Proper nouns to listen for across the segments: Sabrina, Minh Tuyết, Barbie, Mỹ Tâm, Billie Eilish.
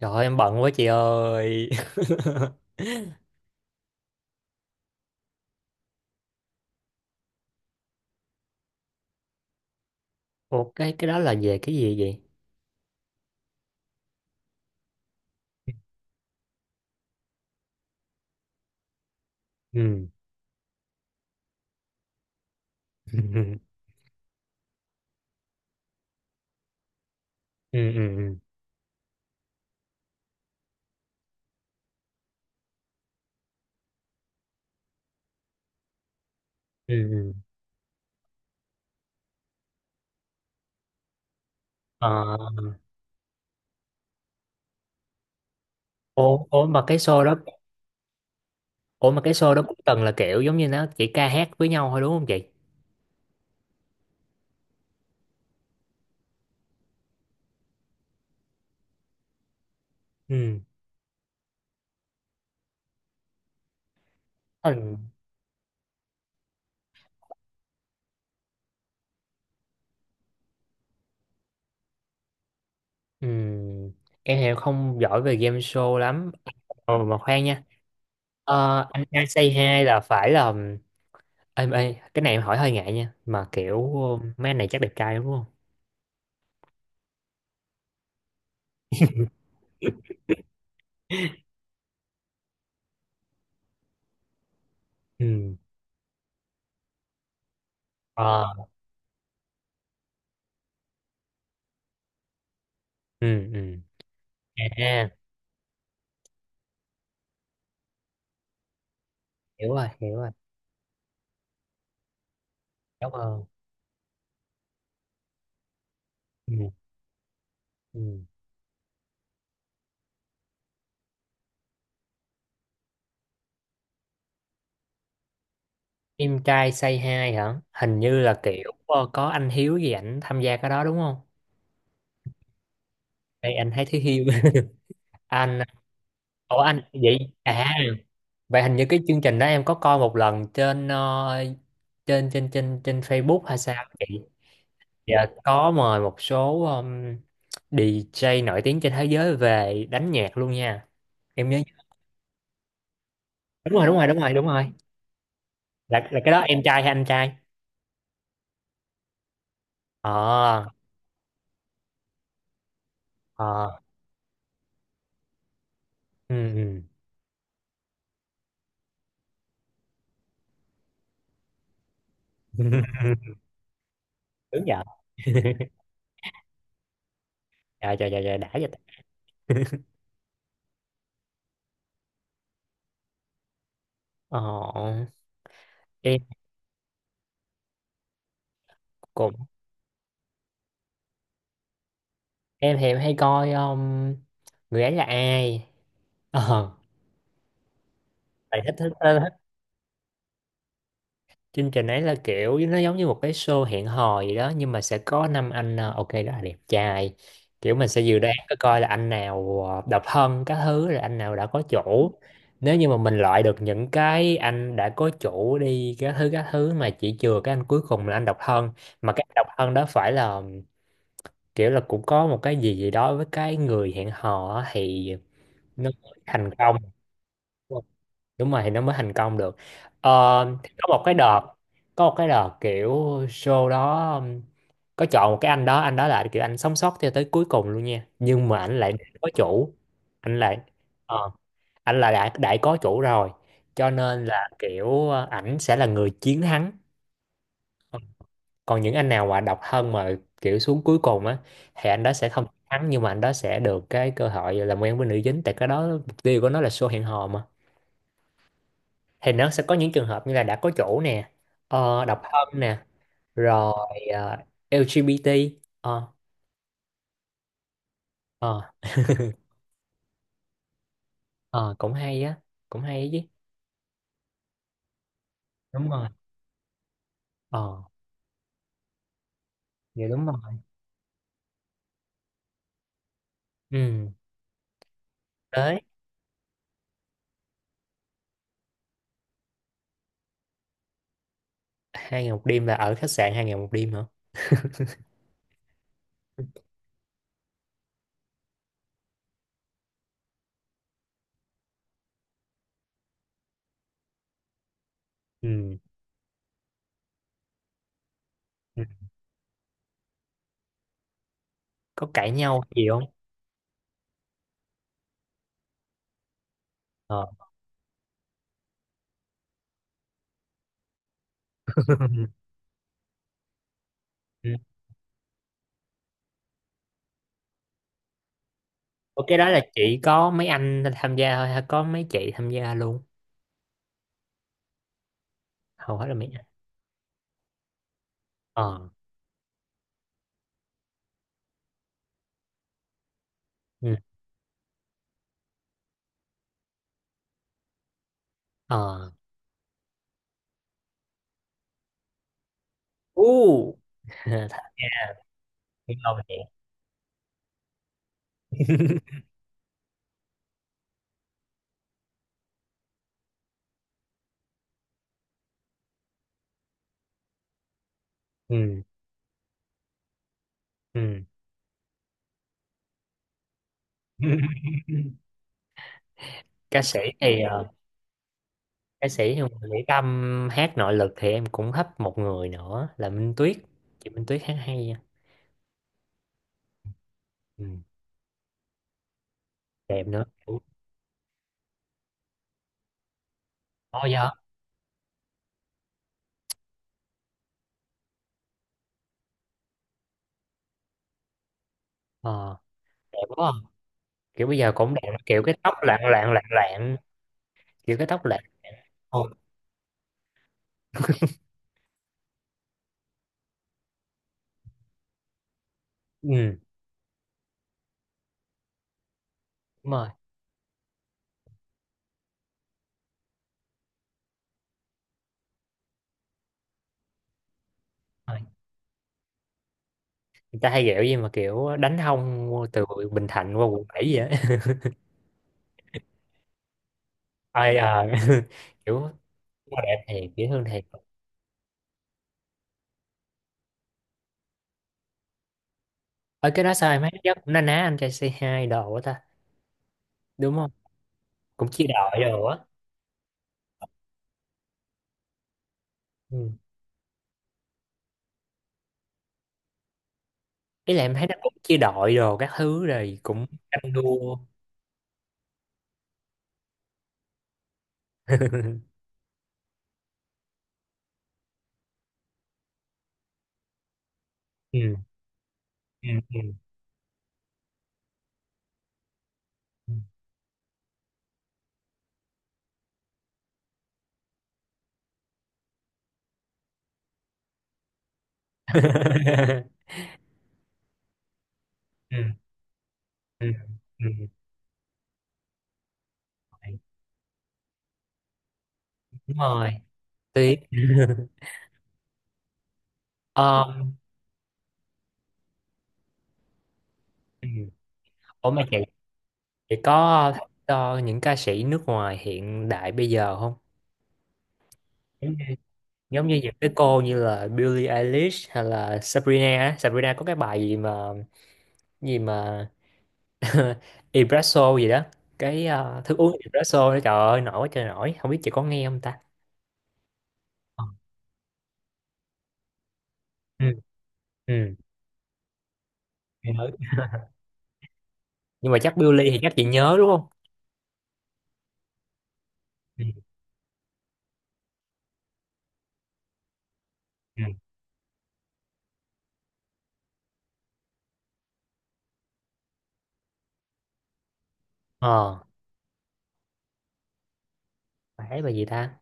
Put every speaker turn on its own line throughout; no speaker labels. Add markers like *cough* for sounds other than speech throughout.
Trời ơi, em bận quá chị ơi. *laughs* Ủa cái đó là về cái gì vậy? Ừ. *laughs* Ừ. Ừ. Ờ, ủa, ủa mà cái show đó, ủa mà cái show đó cũng từng là kiểu giống như nó chỉ ca hát với nhau thôi đúng không chị? Ừ. Ừ. Ừ. Em thì không giỏi về game show lắm. Ờ, mà khoan nha. Anh say hi là phải là em ê, cái này em hỏi hơi ngại nha, mà kiểu mấy anh này chắc đẹp trai đúng không? Ừ. Ờ. Ừ ừ. À, hiểu rồi, cảm ơn. Ừ. Ừ. Im trai say hi hả, hình như là kiểu có anh Hiếu gì ảnh tham gia cái đó đúng không? Đây anh thấy Thiếu Hiếu. *laughs* Anh, ủa anh vậy à? Vậy hình như cái chương trình đó em có coi một lần trên trên trên trên trên Facebook hay sao chị? Dạ có mời một số DJ nổi tiếng trên thế giới về đánh nhạc luôn nha, em nhớ. Đúng rồi, đúng rồi, đúng rồi, đúng rồi, là cái đó em trai hay anh trai? Ờ. Ờ. Ừ. *laughs* Đúng giờ. *laughs* trời trời trời trời đã vậy ta. Ờ, em cũng. Em thì em hay coi, người ấy là ai. ờ Tại thích thích, thích thích chương trình ấy là kiểu nó giống như một cái show hẹn hò gì đó, nhưng mà sẽ có năm anh ok rất là đẹp trai. Kiểu mình sẽ dự đoán coi coi là anh nào độc thân các thứ, rồi anh nào đã có chủ. Nếu như mà mình loại được những cái anh đã có chủ đi các thứ các thứ, mà chỉ chừa cái anh cuối cùng là anh độc thân, mà cái độc thân đó phải là kiểu là cũng có một cái gì gì đó với cái người hẹn hò á, thì nó mới thành công đúng không? Đúng rồi, thì nó mới thành công được. Ờ, thì có một cái đợt, có một cái đợt kiểu show đó có chọn một cái anh đó, anh đó là kiểu anh sống sót cho tới cuối cùng luôn nha, nhưng mà anh lại có chủ. Anh lại ờ, anh là đã có chủ rồi, cho nên là kiểu ảnh sẽ là người chiến thắng. Còn những anh nào mà độc thân mà kiểu xuống cuối cùng á, thì anh đó sẽ không thắng, nhưng mà anh đó sẽ được cái cơ hội làm quen với nữ chính, tại cái đó mục tiêu của nó là show hẹn hò mà. Thì nó sẽ có những trường hợp như là đã có chủ nè, độc thân nè, rồi ờ, LGBT. Ờ. Ờ. *laughs* Ờ, cũng hay á, cũng hay chứ. Đúng rồi. Ờ, dạ đúng rồi. Ừ, đấy. Hai ngày một đêm là ở khách sạn hai ngày một đêm hả? Ừ, ừ. Có cãi nhau gì không? Ờ. *laughs* Ủa, cái đó là chỉ có mấy anh tham gia thôi hay có mấy chị tham gia luôn? Hầu hết là mấy anh. Ờ. Ừ. Ờ. Uh. *laughs* Thật lâu vậy. *laughs* Ừ. Ừ. *laughs* Ca sĩ thì ca sĩ thì ngoài Mỹ Tâm hát nội lực thì em cũng hấp một người nữa là Minh Tuyết. Chị Minh Tuyết hát hay nha. Ừ. Đẹp nữa. Ồ dạ. Ờ. Đẹp quá à. Kiểu bây giờ cũng đẹp, kiểu cái tóc lạng lạng lạng lạng kiểu cái tóc lạng. Ồ. Ừ. Đúng rồi. Ờ. Người ta hay ghẹo gì mà kiểu đánh hông từ Bình Thạnh qua quận 7 vậy á. *laughs* Ai à, *laughs* kiểu nó đẹp thiệt, dễ thương thiệt. Ở cái đó sao em thấy nó cũng na ná anh trai c hai đồ á ta, đúng không, cũng chia đội đồ á. Ừ. Ý là em thấy nó cũng chia đội đồ các thứ rồi cũng tranh đua. *laughs* Ừ. Ừ. Ừ. Ừ. *laughs* Ừ. Ừ. Ừ. Đúng rồi. Tuyệt. *laughs* um, Ủa mà chị có thích những ca sĩ nước ngoài hiện đại bây giờ không? Giống như, giống như những cái cô như là Billie Eilish hay là Sabrina á. Sabrina có cái bài gì mà, gì mà *laughs* espresso gì đó, cái thức uống espresso đó, trời ơi nổi quá trời nổi, không biết chị có nghe không ta. Ờ. ừ, ừ. Nghe nói, nhưng mà chắc Billie thì chắc chị nhớ đúng không? Ừ, ừ. Ờ, bài ấy bài gì ta,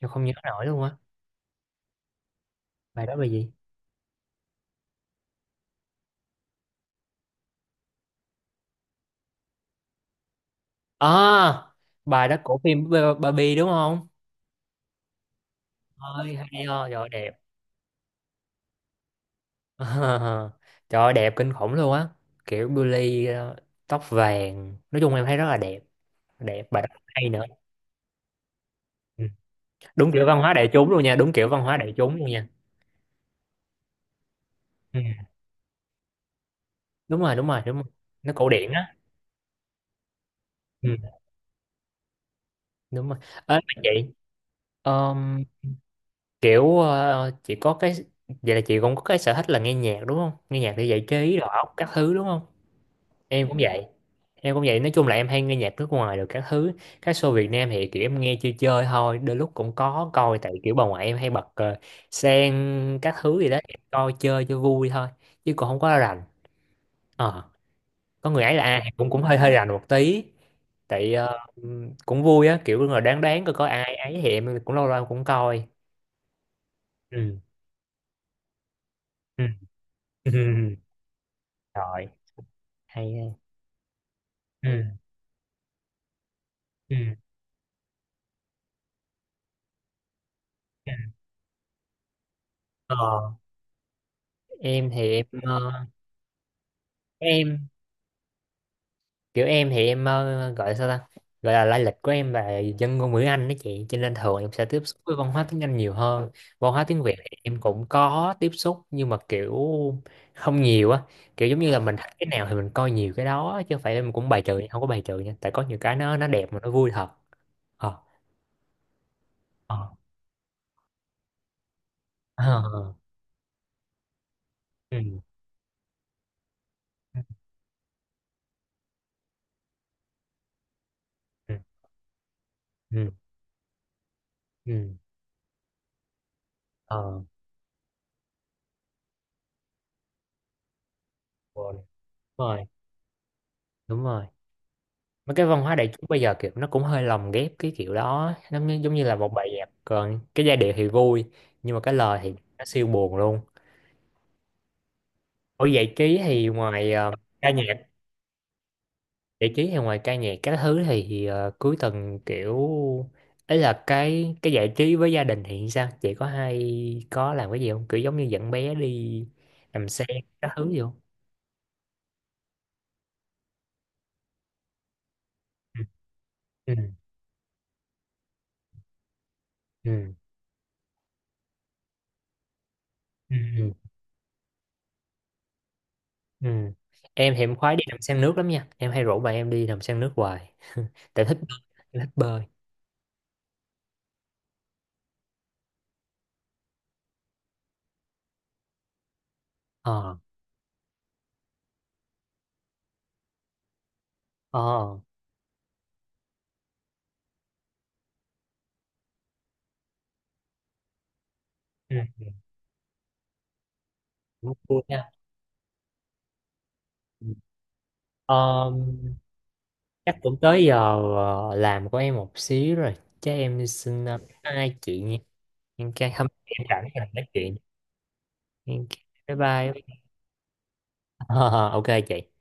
tôi không nhớ nổi luôn á, bài đó bài gì. À, bài đó của phim Barbie đúng không? Ơi hay ho, rồi đẹp. *laughs* Ờ, trời ơi, đẹp kinh khủng luôn á. Kiểu Billy tóc vàng. Nói chung em thấy rất là đẹp. Đẹp và rất là hay nữa. Ừ. Đúng kiểu văn hóa đại chúng luôn nha. Đúng kiểu văn hóa đại chúng luôn nha. Ừ. Đúng rồi. Nó cổ điển á. Ừ. Đúng rồi. Ê, mà chị, ờm, kiểu chị có cái... Vậy là chị cũng có cái sở thích là nghe nhạc đúng không? Nghe nhạc để giải trí, rồi óc, các thứ đúng không? Em cũng vậy. Em cũng vậy, nói chung là em hay nghe nhạc nước ngoài rồi các thứ. Các show Việt Nam thì kiểu em nghe chơi chơi thôi, đôi lúc cũng có coi tại kiểu bà ngoại em hay bật sen các thứ gì đó, em coi chơi cho vui thôi, chứ còn không có rành. Ờ, có người ấy là ai cũng cũng hơi hơi rành một tí. Tại cũng vui á, kiểu là đáng đáng coi có ai ấy thì em cũng lâu lâu em cũng coi. Ừ. Ừ. *laughs* Ừ. Rồi, hay ha. Ừ. Ừ. Ừ. Ờ, em thì em ờ, em kiểu em thì em gọi là sao ta, gọi là lai lịch của em là dân ngôn ngữ Anh đó chị, cho nên thường em sẽ tiếp xúc với văn hóa tiếng Anh nhiều hơn. Văn hóa tiếng Việt thì em cũng có tiếp xúc nhưng mà kiểu không nhiều á, kiểu giống như là mình thích cái nào thì mình coi nhiều cái đó, chứ không phải em cũng bài trừ, không có bài trừ nha, tại có nhiều cái nó đẹp mà nó vui thật. Ờ. Ờ. Ờ. Ừ. Ừ. Ừ. Ừ. Ờ. đúng rồi đúng rồi, mấy cái văn hóa đại chúng bây giờ kiểu nó cũng hơi lồng ghép cái kiểu đó, nó như, giống như là một bài nhạc còn cái giai điệu thì vui, nhưng mà cái lời thì nó siêu buồn luôn. Ở giải trí thì ngoài ca nhạc, giải trí thì ngoài ca nhạc các thứ thì cuối tuần kiểu ấy là cái giải trí với gia đình thì sao, chị có hay có làm cái gì không, kiểu giống như dẫn bé đi làm xe các thứ gì không? Ừ. Ừ. Ừ. Ừ. Ừ. Ừ. Em thì em khoái đi đầm sen nước lắm nha. Em hay rủ bạn em đi đầm sen nước hoài. *laughs* Tại thích bơi, em thích bơi. Ờ. Ờ. Ừ. Cũng vui nha. Ừ. Ờ, chắc cũng tới giờ làm của em một xíu rồi. Chắc em xin bye hai chị nha. Em cái hôm nay em rảnh rồi nói chuyện. Em- bye bye. *laughs* Ờ, ờ, ok chị.